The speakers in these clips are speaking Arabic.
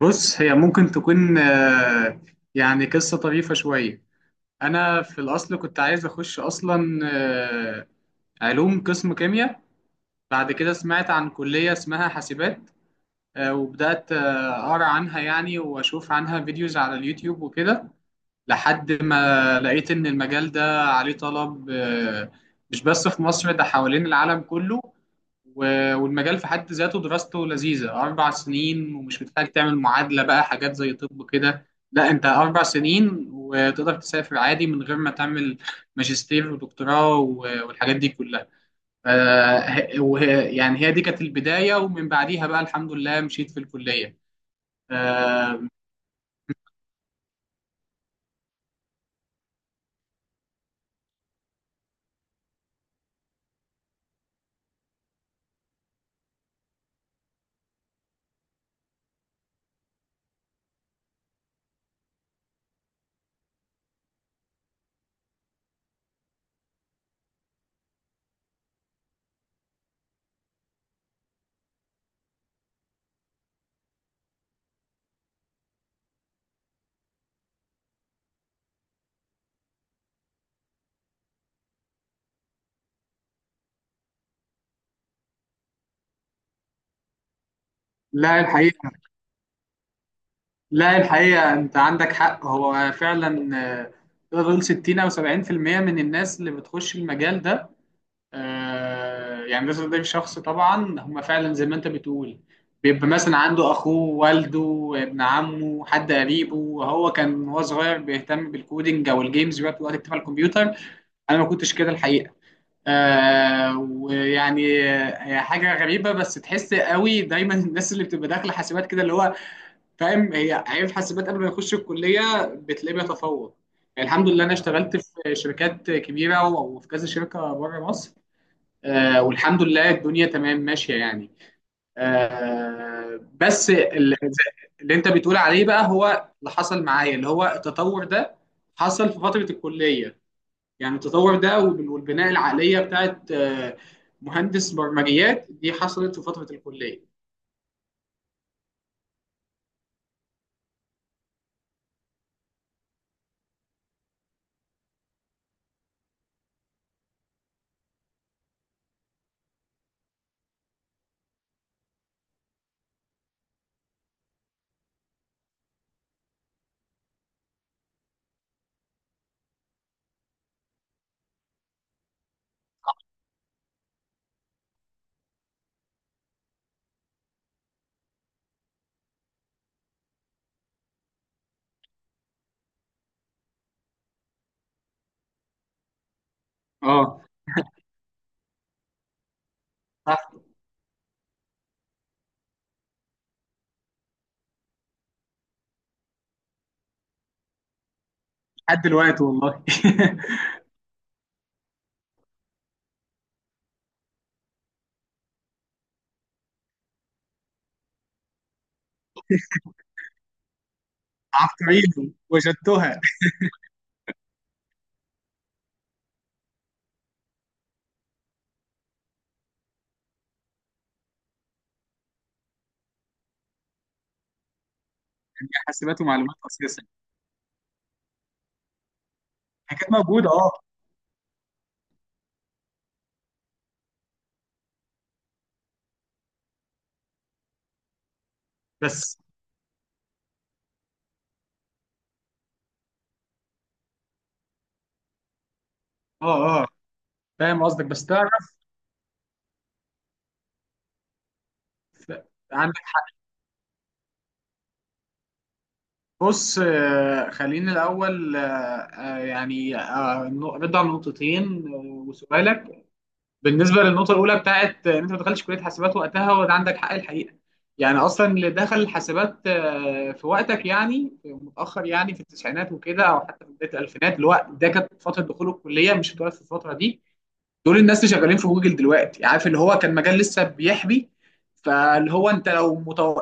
بص، هي ممكن تكون يعني قصة طريفة شوية. أنا في الأصل كنت عايز أخش أصلا، علوم، قسم كيمياء. بعد كده سمعت عن كلية اسمها حاسبات، وبدأت أقرأ عنها، يعني وأشوف عنها فيديوز على اليوتيوب وكده، لحد ما لقيت إن المجال ده عليه طلب، مش بس في مصر، ده حوالين العالم كله. والمجال في حد ذاته دراسته لذيذة، 4 سنين، ومش محتاج تعمل معادلة بقى حاجات زي طب كده. لا، أنت 4 سنين وتقدر تسافر عادي من غير ما تعمل ماجستير ودكتوراه والحاجات دي كلها. ف- يعني هي دي كانت البداية، ومن بعديها بقى الحمد لله مشيت في الكلية. آه، لا الحقيقة، لا الحقيقة، أنت عندك حق. هو فعلا، تقدر تقول 60 أو 70% من الناس اللي بتخش المجال ده، يعني ده تقدير شخص. طبعا هم فعلا زي ما أنت بتقول بيبقى مثلا عنده أخوه، والده، ابن عمه، حد قريبه، وهو كان وهو صغير بيهتم بالكودينج أو الجيمز، بيقعد وقت يكتب على الكمبيوتر. أنا ما كنتش كده الحقيقة. ويعني، هي حاجة غريبة، بس تحس قوي دايما الناس اللي بتبقى داخلة حاسبات كده، اللي هو فاهم هي عيب حاسبات قبل ما يخش الكليه بتلاقيه بيتفوق. يعني الحمد لله، انا اشتغلت في شركات كبيره وفي كذا شركه بره مصر. والحمد لله الدنيا تمام ماشيه يعني. بس اللي انت بتقول عليه بقى، هو اللي حصل معايا، اللي هو التطور ده حصل في فتره الكليه. يعني التطور ده والبناء، العقليه بتاعت مهندس برمجيات، دي حصلت في فتره الكليه. اه، صح. لحد دلوقتي والله. عبقريين وجدتها. يعني حاسبات ومعلومات اساسا هي كانت موجوده، اه. بس اه، اه، فاهم قصدك. بس تعرف عندك، بص، خليني الاول، يعني، ارد على النقطتين آه، وسؤالك. بالنسبه للنقطه الاولى بتاعت ان انت ما دخلتش كليه حاسبات وقتها، وده عندك حق الحقيقه. يعني اصلا اللي دخل الحاسبات في وقتك، يعني في متاخر، يعني في التسعينات وكده، او حتى في بدايه الالفينات، اللي هو ده كانت فتره دخول الكليه، مش هتقعد في الفتره دي. دول الناس اللي شغالين في جوجل دلوقتي، عارف، اللي هو كان مجال لسه بيحبي. فاللي هو انت لو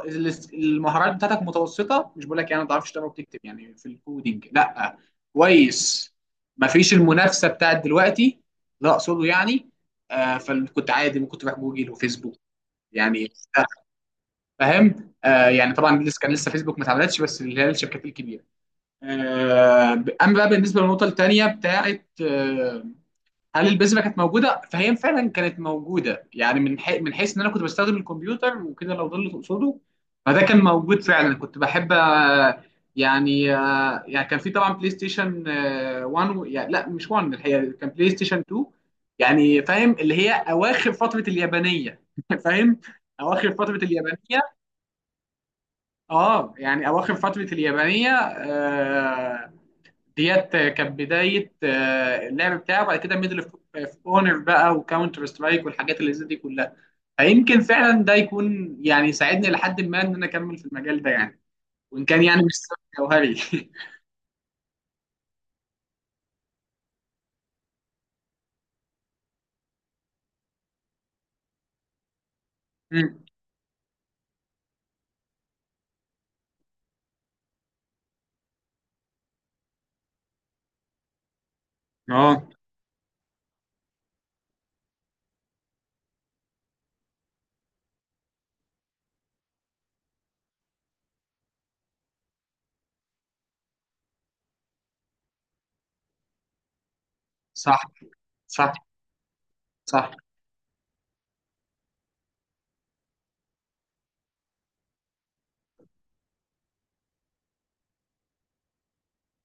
المهارات بتاعتك متوسطه، مش بقول لك يعني ما تعرفش تقرا وتكتب يعني في الكودينج، لا، كويس. مفيش المنافسه بتاعت دلوقتي. لا، اقصده يعني. فكنت عادي ممكن تروح جوجل وفيسبوك، يعني فاهم. يعني طبعا كان لسه فيسبوك ما اتعملتش، بس اللي هي الشركات الكبيره. اما بقى بالنسبه للنقطه الثانيه بتاعت هل البذره كانت موجوده، فهي فعلا كانت موجوده، يعني من حيث ان انا كنت بستخدم الكمبيوتر وكده، لو ده اللي تقصده. فده كان موجود، فعلا كنت بحب يعني، يعني كان في طبعا بلاي ستيشن، 1 يعني لا، مش 1، الحقيقه كان بلاي ستيشن 2. يعني فاهم، اللي هي اواخر فتره اليابانيه. فاهم، اواخر فتره اليابانيه. اه، يعني اواخر فتره اليابانيه. ديت كانت بدايه اللعب بتاعه، وبعد كده ميدل اوف اونر بقى وكاونتر سترايك والحاجات اللي زي دي كلها. فيمكن فعلا ده يكون يعني ساعدني لحد ما ان انا اكمل في المجال ده يعني، وان كان يعني مش سبب جوهري. مم. اه، صح، صح، صح.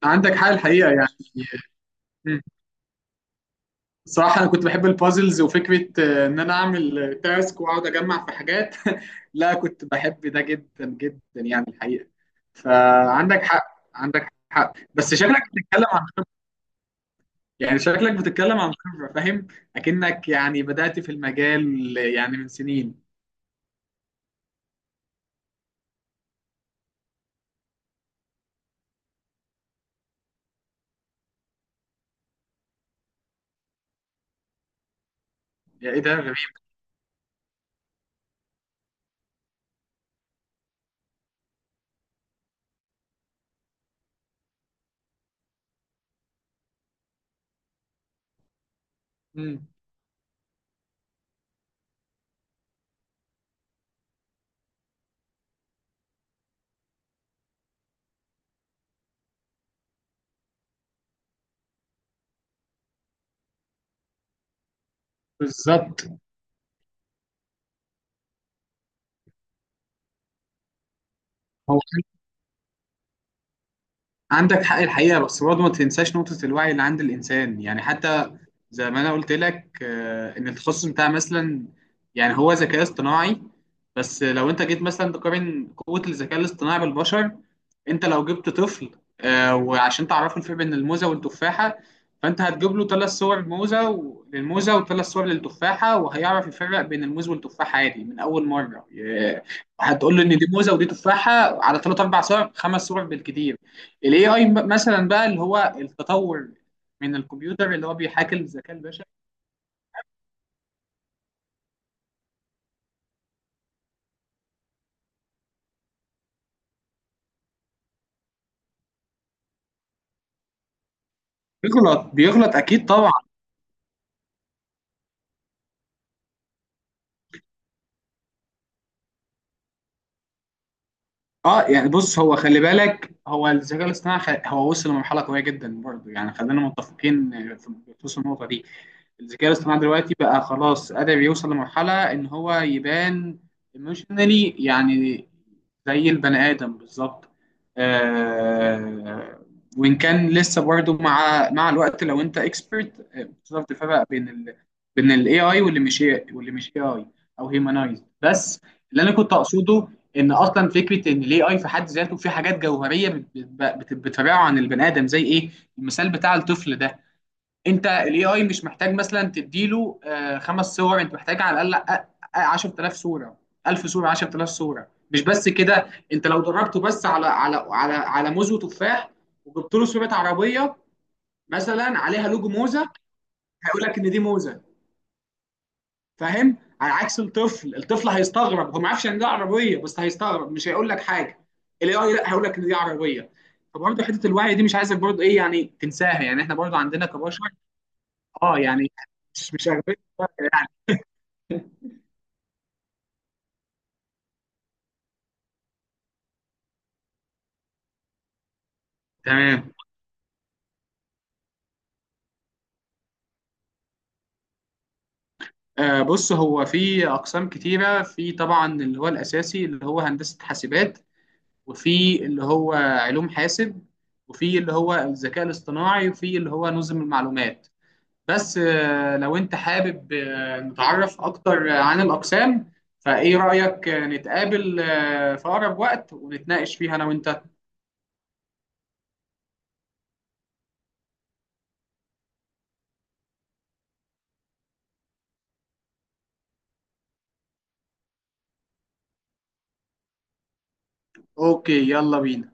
عندك حق الحقيقه يعني. صراحة أنا كنت بحب البازلز، وفكرة إن أنا أعمل تاسك وأقعد أجمع في حاجات. لا، كنت بحب ده جدا جدا يعني الحقيقة. فعندك حق، عندك حق. بس شكلك بتتكلم عن، يعني شكلك بتتكلم عن خبرة، فاهم، أكنك يعني بدأت في المجال يعني من سنين. يعني إيه ده؟ غريب. مم. بالظبط. هو عندك حق الحقيقة، بس برضه ما تنساش نقطة الوعي اللي عند الإنسان، يعني حتى زي ما أنا قلت لك، إن التخصص بتاع مثلا، يعني هو ذكاء اصطناعي. بس لو أنت جيت مثلا تقارن قوة الذكاء الاصطناعي بالبشر، أنت لو جبت طفل وعشان تعرفه الفرق بين الموزة والتفاحة، فأنت هتجيب له ثلاث صور موزة للموزة، وثلاث صور للتفاحة، وهيعرف يفرق بين الموز والتفاحة عادي من أول مرة. هتقول له إن دي موزة ودي تفاحة على ثلاث أربع صور، خمس صور بالكتير. الاي اي مثلا بقى، اللي هو التطور من الكمبيوتر اللي هو بيحاكي الذكاء البشري، بيغلط. بيغلط اكيد طبعا. اه، يعني بص، هو خلي بالك، هو الذكاء الاصطناعي هو وصل لمرحله قويه جدا برضه، يعني خلينا متفقين في بخصوص النقطه دي. الذكاء الاصطناعي دلوقتي بقى خلاص قادر يوصل لمرحله ان هو يبان ايموشنالي يعني، زي البني ادم بالظبط. آه وان كان لسه برضه مع الوقت، لو انت اكسبرت تقدر تفرق بين بين الاي اي واللي مش اي اي، او هيومنايز بس. اللي انا كنت اقصده ان اصلا فكره ان الاي اي في حد ذاته في حاجات جوهريه بتفرعه عن البني ادم، زي ايه؟ المثال بتاع الطفل ده، انت الاي اي مش محتاج مثلا تديله خمس صور، انت محتاج على الاقل 10000 صوره، 1000 صوره، 10000 صوره، مش بس كده. انت لو دربته بس على موز وتفاح، وجبت له صوره عربيه مثلا عليها لوجو موزه، هيقول لك ان دي موزه، فاهم؟ على عكس الطفل هيستغرب، هو ما يعرفش يعني ان ده عربيه، بس هيستغرب مش هيقول لك حاجه. الاي اي لا، هيقول لك ان دي عربيه. فبرضه حته الوعي دي مش عايزك برضه ايه يعني تنساها، يعني احنا برضه عندنا كبشر، اه، يعني مش أغبياء. تمام. بص، هو في اقسام كتيره. في طبعا اللي هو الاساسي اللي هو هندسه حاسبات، وفي اللي هو علوم حاسب، وفي اللي هو الذكاء الاصطناعي، وفي اللي هو نظم المعلومات. بس لو انت حابب نتعرف اكتر عن الاقسام، فايه رايك نتقابل في اقرب وقت ونتناقش فيها انا وانت؟ اوكي، يلا بينا.